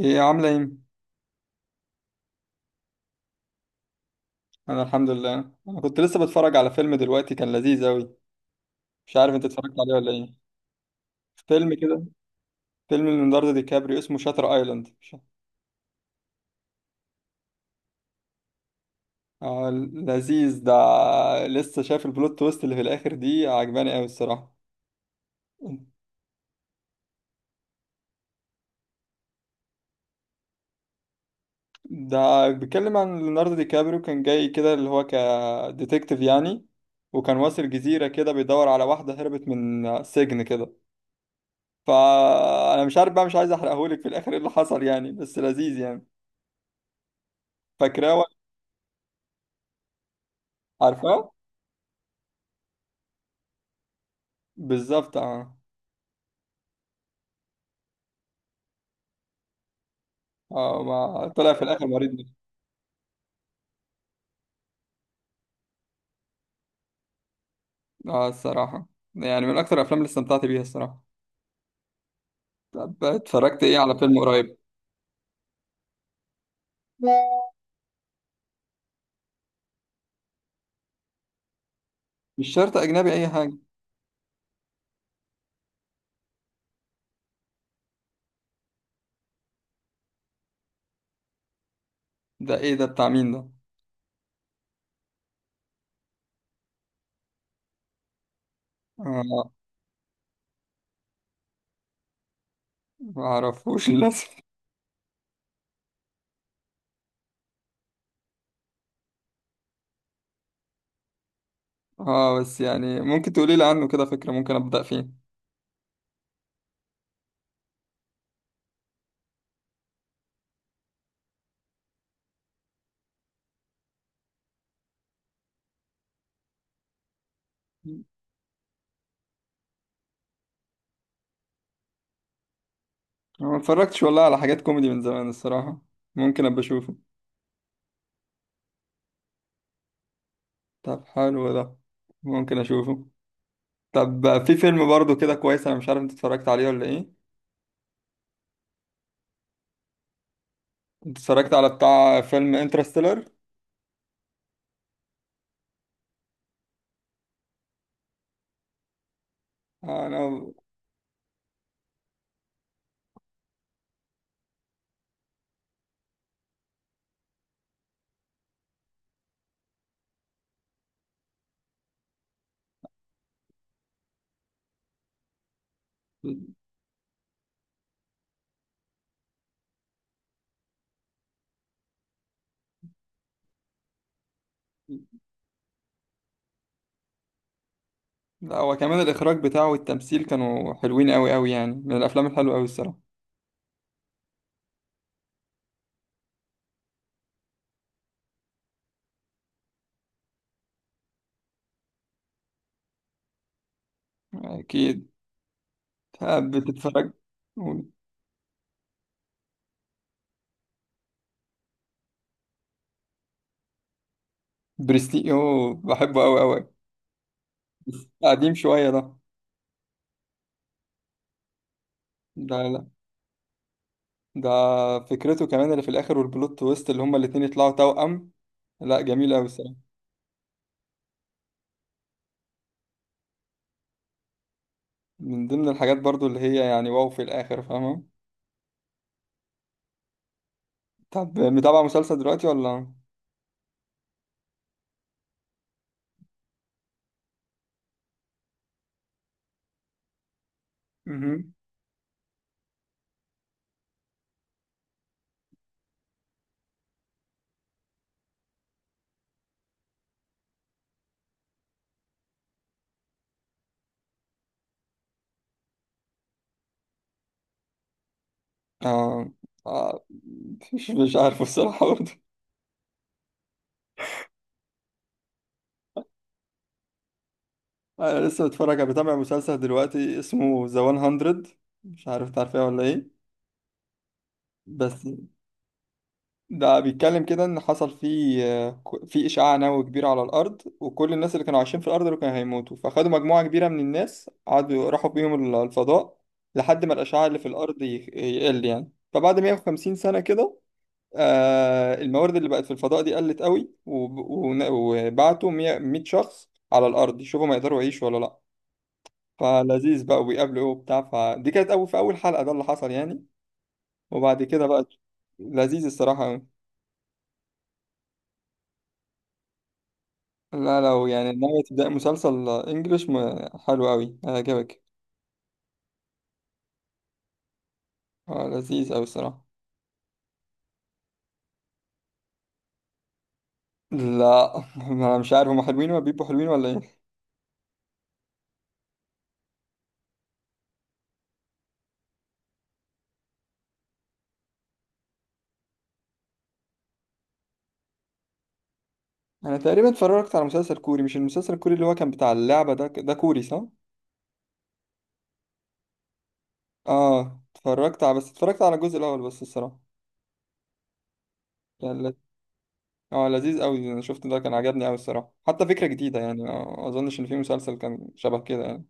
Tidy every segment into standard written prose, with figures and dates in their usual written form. ايه عاملة ايه؟ انا الحمد لله. انا كنت لسه بتفرج على فيلم دلوقتي، كان لذيذ اوي. مش عارف انت اتفرجت عليه ولا ايه. فيلم كده. فيلم ليوناردو دي كابريو اسمه شاتر ايلاند، آه لذيذ ده. لسه شايف البلوت تويست اللي في الاخر دي، عجباني اوي الصراحة. ده بيتكلم عن ليوناردو دي كابريو، كان جاي كده اللي هو كديتكتيف يعني. وكان واصل جزيرة كده بيدور على واحدة هربت من سجن كده. فانا مش عارف بقى، مش عايز احرقهولك في الاخر ايه اللي حصل يعني، بس لذيذ يعني. فاكراه. عارفاه. بالظبط، اه. اه، ما طلع في الاخر مريض نفسي. اه الصراحه. يعني من اكتر الافلام اللي استمتعت بيها الصراحه. طب اتفرجت ايه على فيلم قريب؟ مش شرط اجنبي، اي حاجه. ده ايه ده، بتاع مين ده؟ اه، ما اعرفوش للاسف. اه بس يعني ممكن تقولي لي عنه كده فكره، ممكن ابدا فيه. أنا ما اتفرجتش والله على حاجات كوميدي من زمان الصراحه. ممكن ابقى اشوفه. طب حلو ده. ممكن اشوفه. طب في فيلم برضه كده كويس، انا مش عارف انت اتفرجت عليه ولا ايه. انت اتفرجت على بتاع فيلم انترستيلر؟ آه، انا. لا، هو كمان الاخراج بتاعه والتمثيل كانوا حلوين قوي قوي يعني، من الافلام الحلوه قوي الصراحه. اكيد. بتتفرج. برستيج، اوه بحبه قوي قوي. قديم شويه ده لا. ده فكرته كمان اللي في الاخر، والبلوت تويست اللي هما الاتنين يطلعوا توأم. لا جميل قوي الصراحه. من ضمن الحاجات برضو اللي هي يعني واو في الاخر، فاهمه. طب متابع مسلسل دلوقتي ولا؟ مهم. اه. آه، مش عارف الصراحة برضه. آه، أنا لسه متفرج بتابع مسلسل دلوقتي اسمه ذا 100. مش عارف تعرفيه ولا إيه. بس. ده بيتكلم كده إن حصل فيه، في إشعاع نووي كبير على الأرض، وكل الناس اللي كانوا عايشين في الأرض دول كانوا هيموتوا، فخدوا مجموعة كبيرة من الناس قعدوا راحوا بيهم الفضاء لحد ما الأشعاع اللي في الأرض يقل يعني. فبعد 150 سنة كده، الموارد اللي بقت في الفضاء دي قلت قوي، وبعتوا 100 100 شخص على الارض يشوفوا ما يقدروا يعيشوا ولا لا. فلذيذ بقى، وبيقابلوا ايه وبتاع. فدي كانت اول في اول حلقة، ده اللي حصل يعني. وبعد كده بقى، لذيذ الصراحة قوي. لا، لو يعني ناوي تبدأ مسلسل انجليش حلو قوي، هيعجبك. آه، لذيذ قوي الصراحة. لا انا مش عارف هما حلوين ولا بيبقوا حلوين ولا ايه. انا تقريبا اتفرجت على مسلسل كوري. مش المسلسل الكوري اللي هو كان بتاع اللعبة ده كوري، صح؟ اه اتفرجت على، بس اتفرجت على الجزء الاول بس الصراحه. كان لذ- اه لذيذ قوي. انا شفت ده كان عجبني قوي الصراحه، حتى فكره جديده يعني. ما اظنش ان في مسلسل كان شبه كده يعني.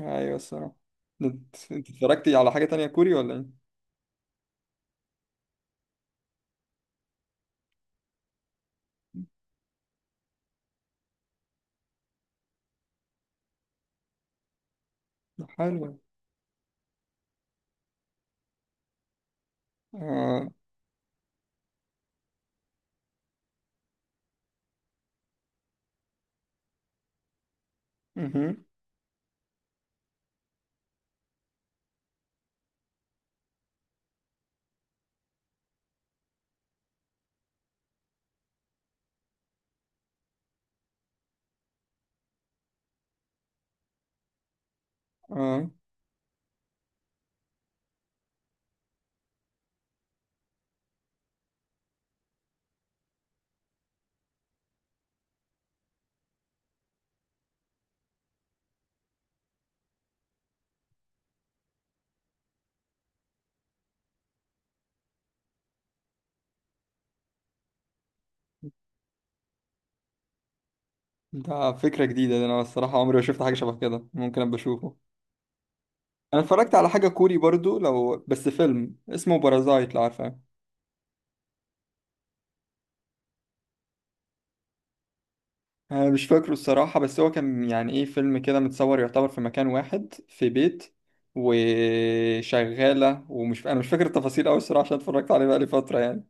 ايوه الصراحه. انت اتفرجتي على حاجه تانية كوري ولا ايه؟ ده حلو. اه. مهم. اه. ده فكره جديده ده، انا الصراحه عمري ما شفت حاجه شبه كده. ممكن ابقى اشوفه. انا اتفرجت على حاجه كوري برضو، لو بس فيلم اسمه بارازايت، لو عارفه. أنا مش فاكره الصراحة، بس هو كان يعني إيه، فيلم كده متصور يعتبر في مكان واحد في بيت، وشغالة. أنا مش فاكر التفاصيل أوي الصراحة، عشان اتفرجت عليه بقالي فترة يعني.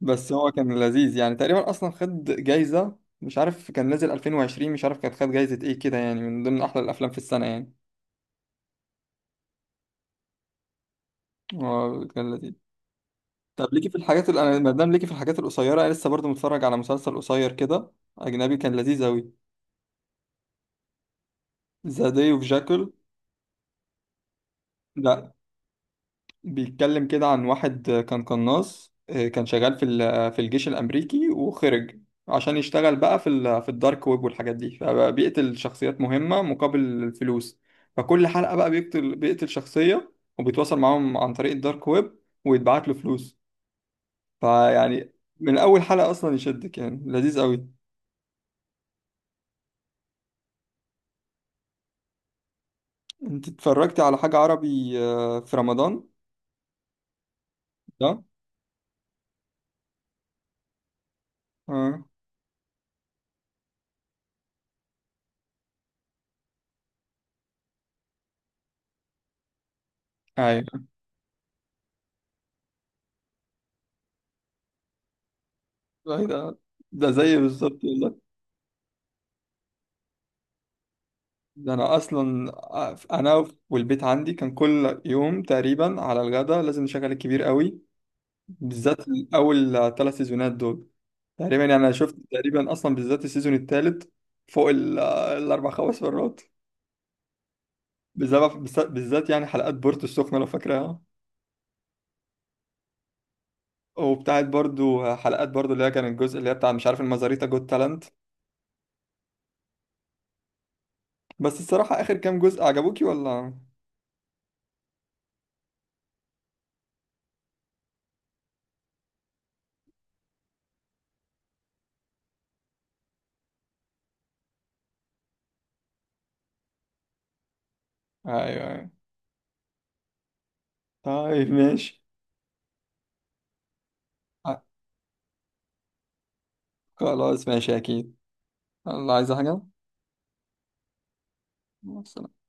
بس هو كان لذيذ يعني، تقريبا أصلا خد جايزة. مش عارف كان نازل 2020، مش عارف كانت خد جايزة إيه كده يعني، من ضمن أحلى الأفلام في السنة يعني. هو كان لذيذ. طب ليكي في الحاجات اللي أنا، ما دام ليكي في الحاجات القصيرة، أنا لسه برضه متفرج على مسلسل قصير كده أجنبي، كان لذيذ أوي. ذا داي أوف جاكل. لا، بيتكلم كده عن واحد كان قناص، كان شغال في في الجيش الأمريكي وخرج عشان يشتغل بقى في في الدارك ويب والحاجات دي، فبيقتل شخصيات مهمة مقابل الفلوس. فكل حلقة بقى بيقتل شخصية، وبيتواصل معاهم عن طريق الدارك ويب، ويتبعت له فلوس. فيعني من أول حلقة أصلا يشدك يعني، لذيذ قوي. أنت اتفرجتي على حاجة عربي في رمضان؟ ده؟ اه. أيوه ده. ده زي بالظبط. ده انا اصلا، انا والبيت عندي كان كل يوم تقريبا على الغدا لازم نشغل الكبير قوي، بالذات اول 3 سيزونات دول. تقريبا يعني انا شفت تقريبا اصلا بالذات السيزون الثالث فوق 4 5 مرات، بسبب بالذات يعني حلقات بورتو السخنه لو فاكراها، وبتاعت برضو حلقات برضو اللي هي كان الجزء اللي هي بتاع مش عارف المزاريتا جوت تالنت. بس الصراحه اخر كام جزء عجبوكي ولا؟ ايوه ايوه. طيب ماشي. خلاص ماشي اكيد. الله، عايز حاجه؟ مع السلامة.